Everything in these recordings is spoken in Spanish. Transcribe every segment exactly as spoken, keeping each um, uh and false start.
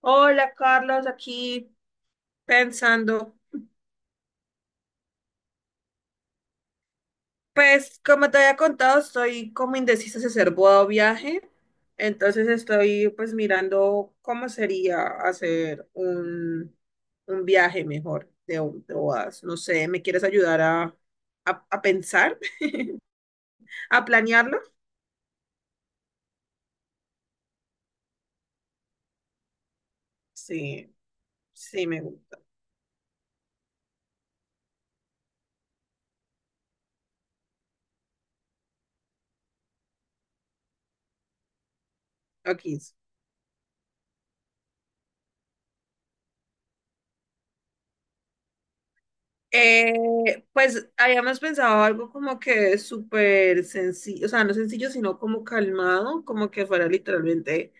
Hola Carlos, aquí pensando. Pues como te había contado, estoy como indecisa si hacer boda o viaje. Entonces estoy pues mirando cómo sería hacer un, un viaje mejor de, un- de bodas. No sé, ¿me quieres ayudar a, a, a pensar, a planearlo? Sí, sí, me gusta. Aquí. Eh, pues habíamos pensado algo como que súper sencillo, o sea, no sencillo, sino como calmado, como que fuera literalmente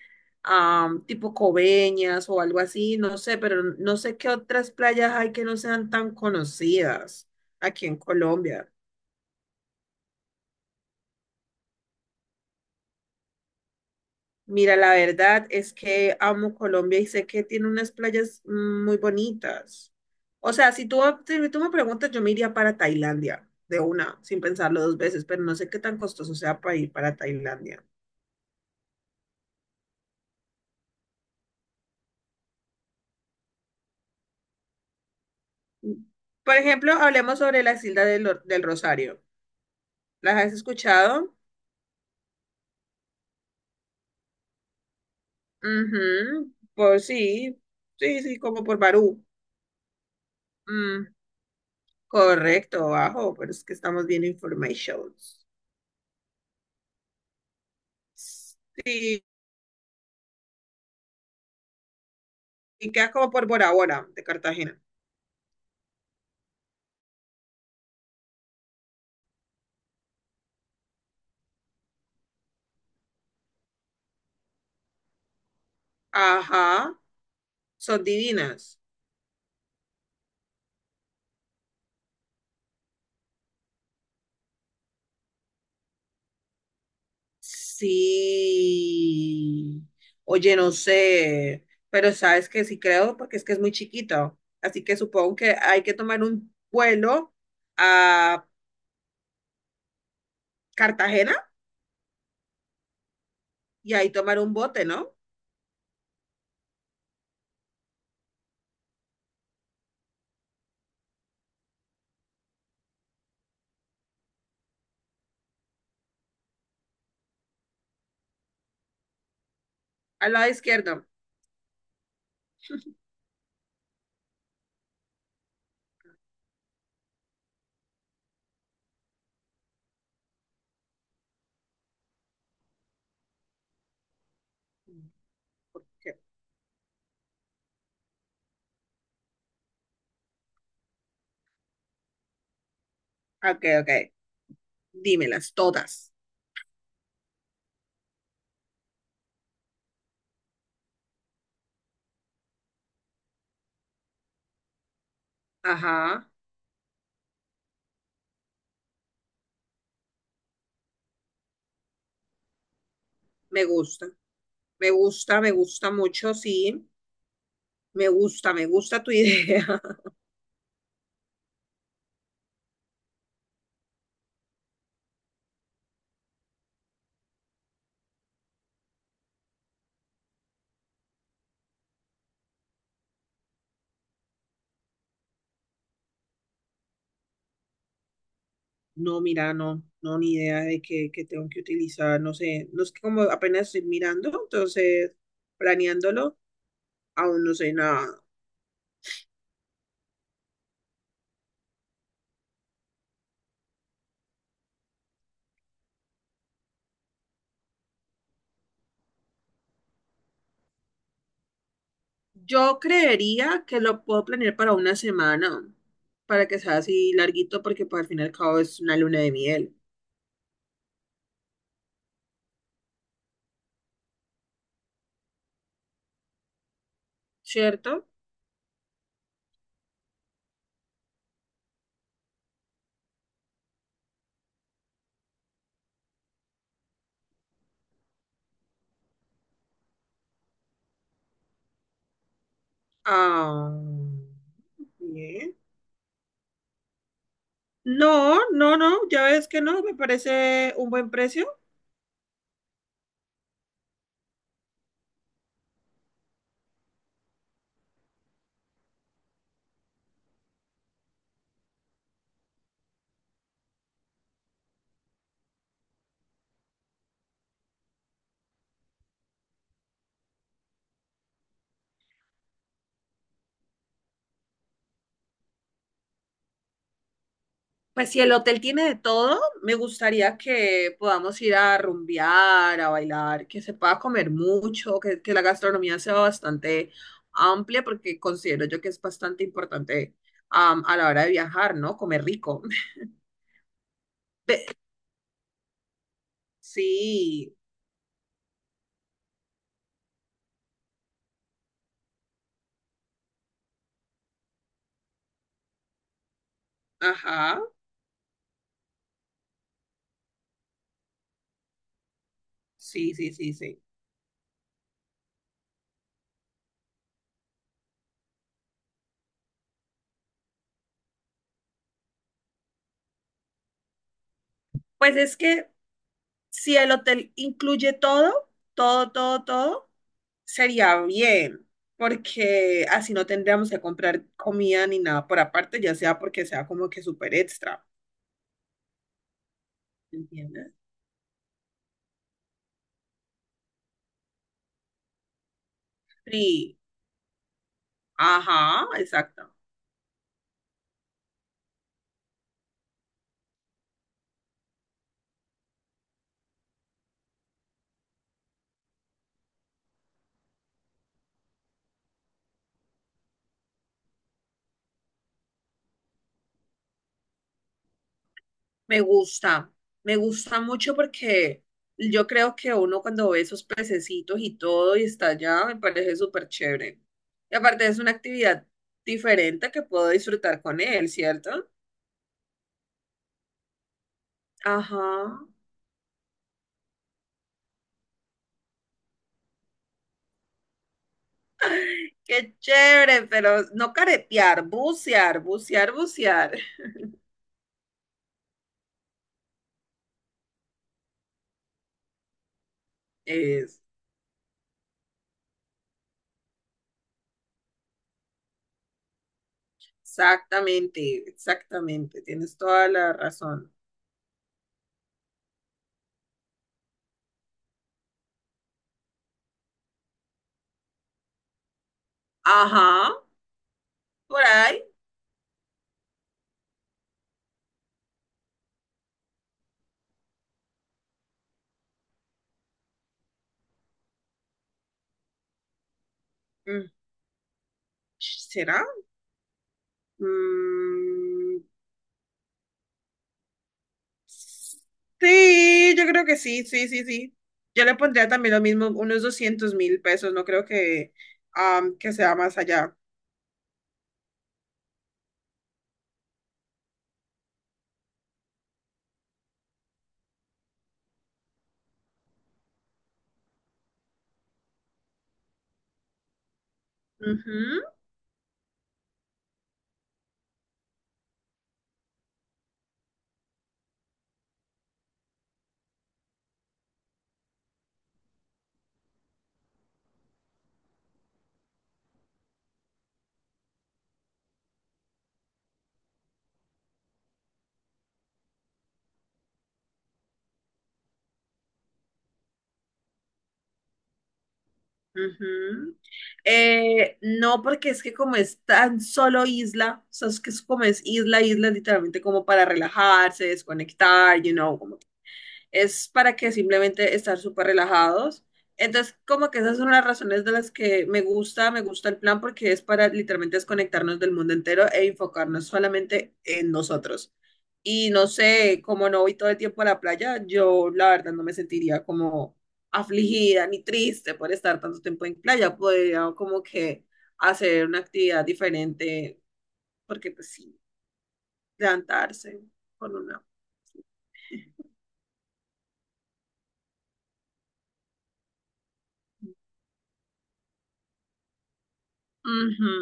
am, tipo Coveñas o algo así, no sé, pero no sé qué otras playas hay que no sean tan conocidas aquí en Colombia. Mira, la verdad es que amo Colombia y sé que tiene unas playas muy bonitas. O sea, si tú, si tú me preguntas, yo me iría para Tailandia de una, sin pensarlo dos veces, pero no sé qué tan costoso sea para ir para Tailandia. Por ejemplo, hablemos sobre las Islas del, Or- del Rosario. ¿Las has escuchado? Ujú. Por Sí, sí, sí, como por Barú. Mm, correcto, bajo, pero es que estamos bien informations. Sí, y quedas como por Bora Bora, de Cartagena. Ajá, son divinas. Sí. Oye, no sé, pero sabes que sí creo porque es que es muy chiquito. Así que supongo que hay que tomar un vuelo a Cartagena y ahí tomar un bote, ¿no? Al lado izquierdo. Ok, ok, ok. Dímelas todas. Ajá, me gusta. Me gusta, me gusta mucho, sí. Me gusta, me gusta tu idea. No, mira, no, no, ni idea de qué, qué tengo que utilizar, no sé, no es que como apenas estoy mirando, entonces planeándolo, aún no sé nada. Yo creería que lo puedo planear para una semana, para que sea así larguito, porque pues, al fin y al cabo es una luna de miel, ¿cierto? Ah, bien. No, no, no, ya ves que no, me parece un buen precio. Pues si el hotel tiene de todo, me gustaría que podamos ir a rumbear, a bailar, que se pueda comer mucho, que, que la gastronomía sea bastante amplia, porque considero yo que es bastante importante am, a la hora de viajar, ¿no? Comer rico. Pe- sí, ajá, sí, sí, sí, sí. Pues es que si el hotel incluye todo, todo, todo, todo. Sería bien, porque así no tendríamos que comprar comida ni nada por aparte, ya sea porque sea como que súper extra, ¿entiendes? Sí, ajá, exacto. Me gusta, me gusta mucho porque yo creo que uno cuando ve esos pececitos y todo y está allá, me parece súper chévere. Y aparte es una actividad diferente que puedo disfrutar con él, ¿cierto? Ajá. Qué chévere, pero no caretear, bucear, bucear, bucear. Exactamente, exactamente, tienes toda la razón. Ajá, por ahí. Mm. ¿Será? Mm, sí, yo creo que sí, sí, sí, sí. Yo le pondría también lo mismo, unos doscientos mil pesos, no creo que, am, que sea más allá. Ujú, ujú. Eh, no, porque es que como es tan solo isla, o sea, es que es como es isla, isla, literalmente como para relajarse, desconectar, you know, es para que simplemente estar súper relajados. Entonces, como que esas son las razones de las que me gusta, me gusta el plan porque es para literalmente desconectarnos del mundo entero e enfocarnos solamente en nosotros. Y no sé, como no voy todo el tiempo a la playa, yo la verdad no me sentiría como afligida ni triste por estar tanto tiempo en playa. Podría como que hacer una actividad diferente, porque pues sí, levantarse con una. Ujú.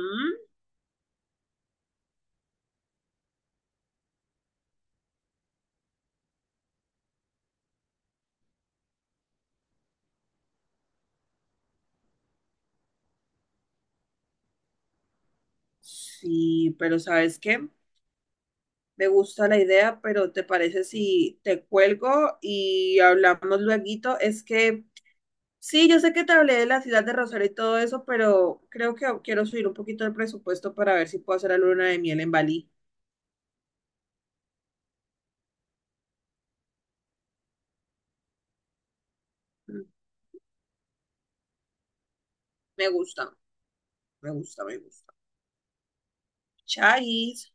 Sí, pero ¿sabes qué? Me gusta la idea, pero ¿te parece si te cuelgo y hablamos lueguito? Es que sí, yo sé que te hablé de la ciudad de Rosario y todo eso, pero creo que quiero subir un poquito el presupuesto para ver si puedo hacer la luna de miel en Bali. Mm, me gusta, me gusta, me gusta. Chais.